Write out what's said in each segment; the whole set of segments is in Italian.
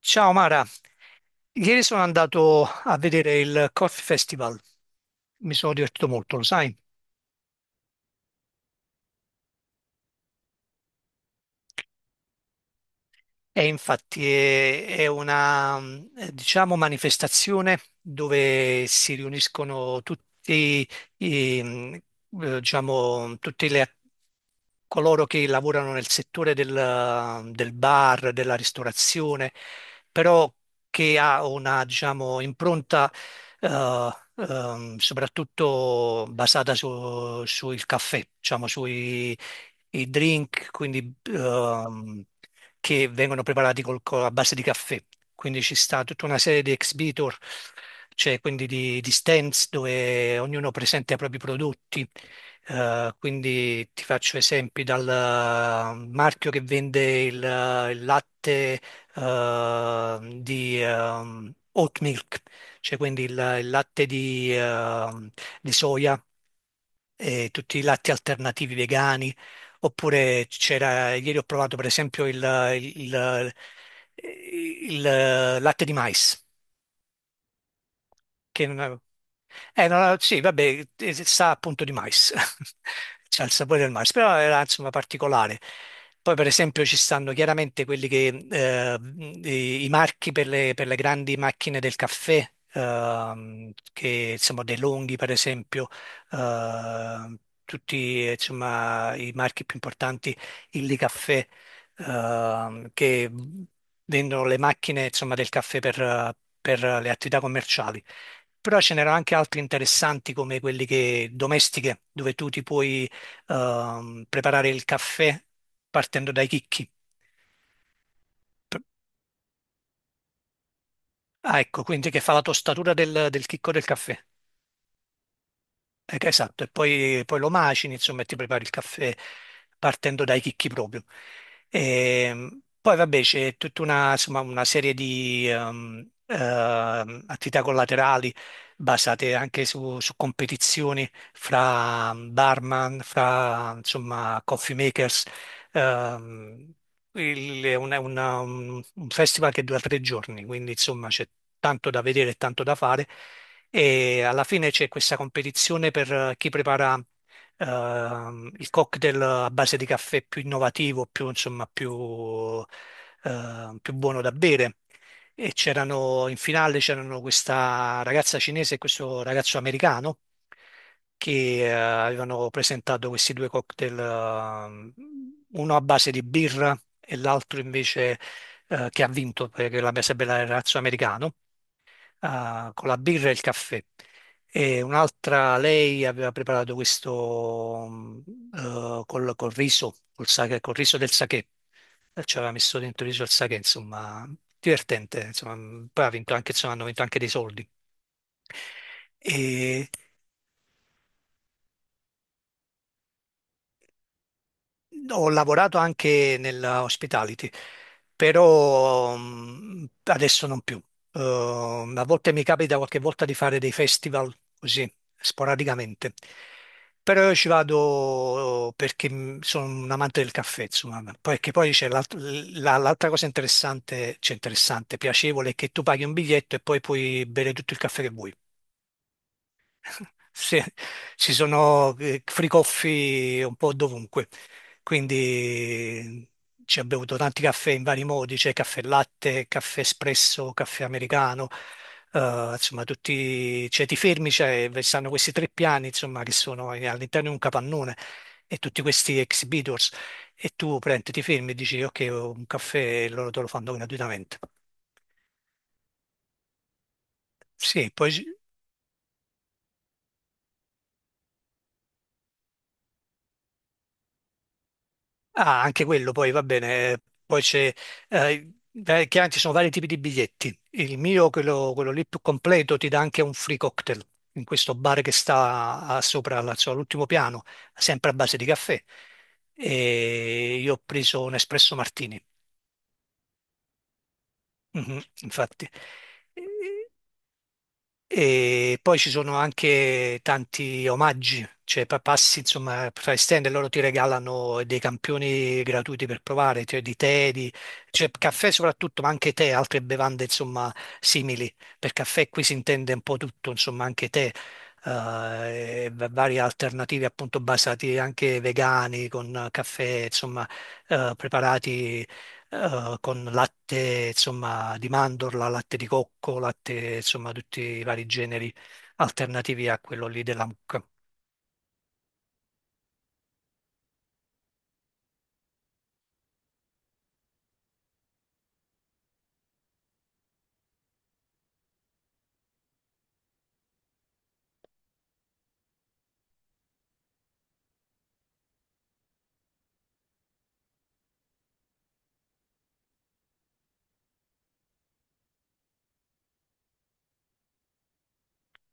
Ciao Mara, ieri sono andato a vedere il Coffee Festival, mi sono divertito molto, lo sai? E infatti è una, diciamo, manifestazione dove si riuniscono tutti, i, diciamo, coloro che lavorano nel settore del bar, della ristorazione, però che ha una, diciamo, impronta, eh, soprattutto basata sul caffè, diciamo, sui i drink, quindi, che vengono preparati a base di caffè. Quindi ci sta tutta una serie di exhibitor, cioè quindi di stands dove ognuno presenta i propri prodotti. Quindi ti faccio esempi dal marchio che vende il latte di oat milk, cioè quindi il latte di soia e tutti i latti alternativi vegani, oppure c'era, ieri ho provato per esempio il- il- il latte di mais, che non- no, no, sì, vabbè, sa appunto di mais, c'ha il sapore del mais, però era insomma particolare. Poi per esempio ci stanno chiaramente quelli che, i marchi per le grandi macchine del caffè, che insomma De Longhi per esempio, eh, tutti insomma i marchi più importanti, Illy Caffè, che vendono le macchine insomma del caffè per le attività commerciali. Però ce n'erano anche altri interessanti come quelli che, domestiche, dove tu ti puoi preparare il caffè partendo dai chicchi. Ah, ecco, quindi che fa la tostatura del chicco del caffè. Esatto, e poi, lo macini, insomma, e ti prepari il caffè partendo dai chicchi proprio. Poi vabbè c'è tutta una, insomma, una serie di attività collaterali basate anche su, competizioni fra barman, fra insomma, coffee makers. Ehm, è un festival che dura 3 giorni, quindi insomma c'è tanto da vedere e tanto da fare e alla fine c'è questa competizione per chi prepara il cocktail a base di caffè più innovativo, più, insomma, più, più buono da bere. E c'erano in finale c'erano questa ragazza cinese e questo ragazzo americano che avevano presentato questi due cocktail, uno a base di birra e l'altro invece che ha vinto, perché la base bella era il ragazzo americano, con la birra e il caffè. E un'altra, lei aveva preparato questo col riso, col riso del sake. Ci aveva messo dentro il riso al sake, insomma, divertente. Insomma, poi ha vinto anche, insomma, hanno vinto anche dei soldi. E Ho lavorato anche nella hospitality, però adesso non più. A volte mi capita qualche volta di fare dei festival così, sporadicamente. Però io ci vado perché sono un amante del caffè, insomma. Perché poi c'è l'altra cosa interessante, cioè interessante, piacevole, è che tu paghi un biglietto e poi puoi bere tutto il caffè che vuoi. Sì, sì, ci sono fricoffi un po' dovunque, quindi ci abbiamo bevuto tanti caffè in vari modi, c'è caffè latte, caffè espresso, caffè americano, insomma tutti, cioè ti fermi, c'è, stanno questi tre piani insomma che sono all'interno di un capannone e tutti questi exhibitors e tu prendi, ti fermi e dici ok, ho un caffè e loro te lo fanno gratuitamente. Sì, poi, ah, anche quello poi va bene. Poi c'è, eh, chiaro, ci sono vari tipi di biglietti. Il mio, quello lì più completo, ti dà anche un free cocktail in questo bar che sta sopra insomma, all'ultimo piano, sempre a base di caffè. E io ho preso un espresso martini. Mhm, infatti. E poi ci sono anche tanti omaggi, cioè passi insomma fra stand e loro ti regalano dei campioni gratuiti per provare, cioè di tè, di, cioè caffè soprattutto, ma anche tè, altre bevande insomma simili. Per caffè qui si intende un po' tutto, insomma anche tè, varie alternative appunto basati anche vegani con caffè, insomma preparati con latte, insomma, di mandorla, latte di cocco, latte, insomma, tutti i vari generi alternativi a quello lì della mucca.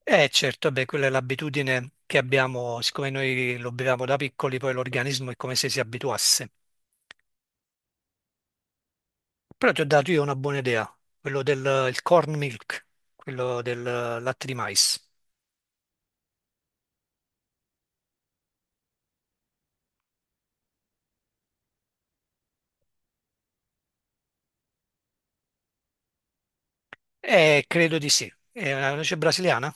Eh certo, beh, quella è l'abitudine che abbiamo, siccome noi lo beviamo da piccoli, poi l'organismo è come se si abituasse. Però ti ho dato io una buona idea, quello del il corn milk, quello del latte di mais. Credo di sì. È una noce brasiliana?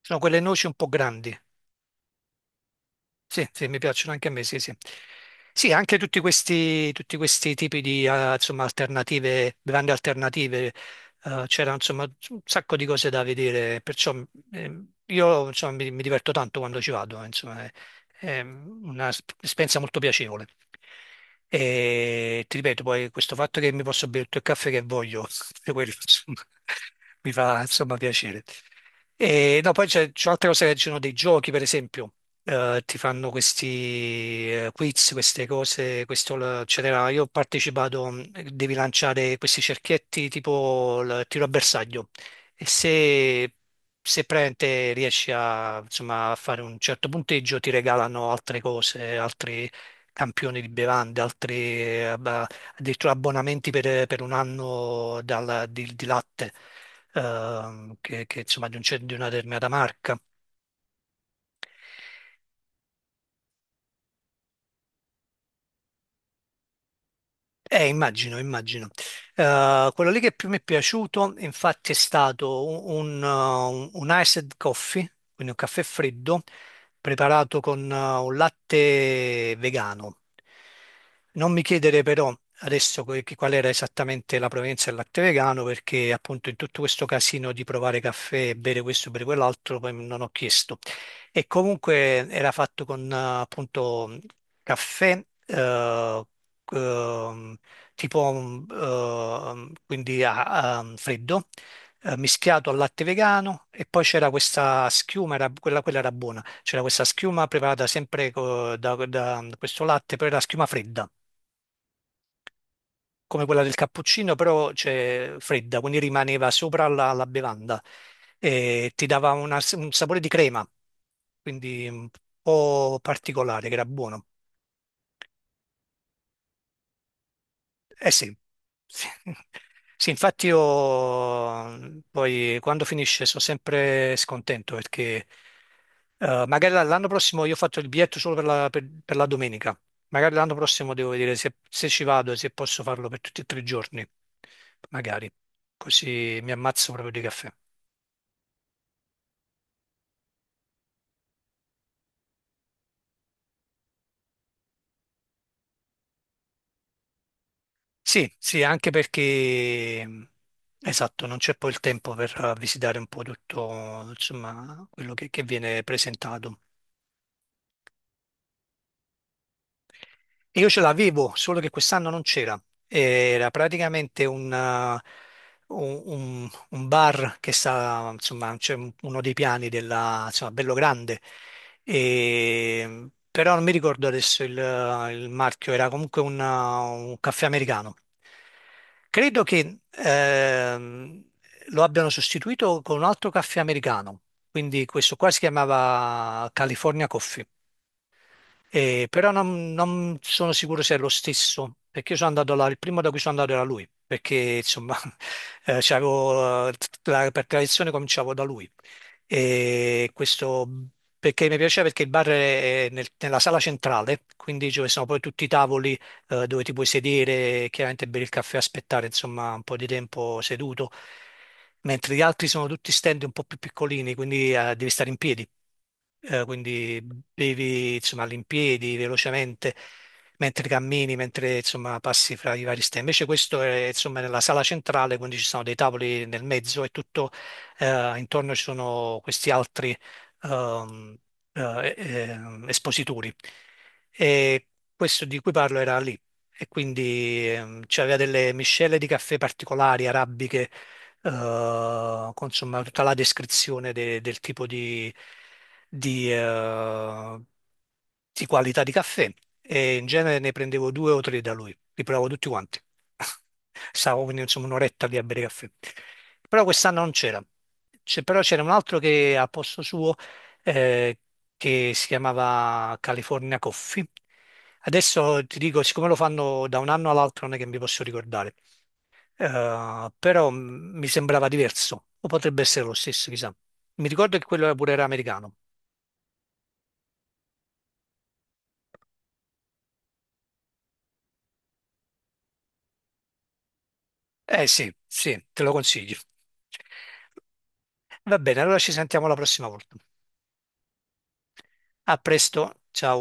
Sono quelle noci un po' grandi. Sì, sì, mi piacciono anche a me, sì, sì. Sì, anche tutti questi tipi di, insomma, alternative, grandi alternative, c'era, insomma, un sacco di cose da vedere, perciò, io, insomma, mi diverto tanto quando ci vado, insomma. È un'esperienza molto piacevole. E ti ripeto, poi questo fatto che mi posso bere tutto il caffè che voglio, quello, insomma, mi fa insomma piacere. E, no, poi c'è altre cose che ci sono dei giochi, per esempio, ti fanno questi quiz, queste cose, questo, eccetera. Io ho partecipato, devi lanciare questi cerchietti tipo il tiro a bersaglio e se praticamente riesci a, insomma, a fare un certo punteggio ti regalano altre cose, altri campioni di bevande, altri addirittura abbonamenti per un anno di latte che, insomma di, di una determinata marca. Immagino, immagino. Quello lì che più mi è piaciuto, infatti, è stato un iced coffee, quindi un caffè freddo preparato con un latte vegano. Non mi chiedere però adesso qual era esattamente la provenienza del latte vegano, perché appunto in tutto questo casino di provare caffè, bere questo, bere quell'altro, poi non ho chiesto. E comunque era fatto con appunto caffè, eh, ehm, tipo quindi a, a freddo, mischiato al latte vegano e poi c'era questa schiuma, quella era buona, c'era questa schiuma preparata sempre da questo latte, però era schiuma fredda, come quella del cappuccino, però c'è fredda, quindi rimaneva sopra la bevanda e ti dava un sapore di crema, quindi un po' particolare, che era buono. Eh sì, sì, sì, infatti io poi quando finisce sono sempre scontento perché magari l'anno prossimo io ho fatto il biglietto solo per la domenica, magari l'anno prossimo devo vedere se ci vado e se posso farlo per tutti e tre i giorni, magari, così mi ammazzo proprio di caffè. Sì, sì, anche perché esatto, non c'è poi il tempo per visitare un po' tutto, insomma, quello che viene presentato. E io ce l'avevo, solo che quest'anno non c'era. Era praticamente un bar che sta, insomma, uno dei piani della, insomma, bello grande. Però non mi ricordo adesso il marchio, era comunque un caffè americano. Credo che lo abbiano sostituito con un altro caffè americano. Quindi questo qua si chiamava California Coffee. Però non sono sicuro se è lo stesso, perché io sono andato là, il primo da cui sono andato era lui, perché insomma c'avevo, per tradizione cominciavo da lui. E questo perché mi piaceva perché il bar è nella sala centrale, quindi dove sono poi tutti i tavoli dove ti puoi sedere, chiaramente bere il caffè, aspettare insomma un po' di tempo seduto, mentre gli altri sono tutti stand un po' più piccolini, quindi devi stare in piedi. Quindi bevi insomma all'impiedi velocemente mentre cammini, mentre insomma passi fra i vari stand. Invece questo è insomma nella sala centrale, quindi ci sono dei tavoli nel mezzo e tutto intorno ci sono questi altri ehm, eh, eh, espositori. E Questo di cui parlo era lì e quindi c'aveva delle miscele di caffè particolari, arabiche, con insomma tutta la descrizione del tipo di, eh, di qualità di caffè e in genere ne prendevo due o tre da lui, li provavo tutti quanti. Stavo quindi insomma un'oretta lì a bere caffè. Però quest'anno non c'era. Però c'era un altro che a posto suo eh, che si chiamava California Coffee. Adesso ti dico, siccome lo fanno da un anno all'altro, non è che mi posso ricordare. Però mi sembrava diverso, o potrebbe essere lo stesso, chissà. Mi ricordo che quello pure era americano. Eh sì, sì, te lo consiglio. Va bene, allora ci sentiamo la prossima volta. A presto, ciao.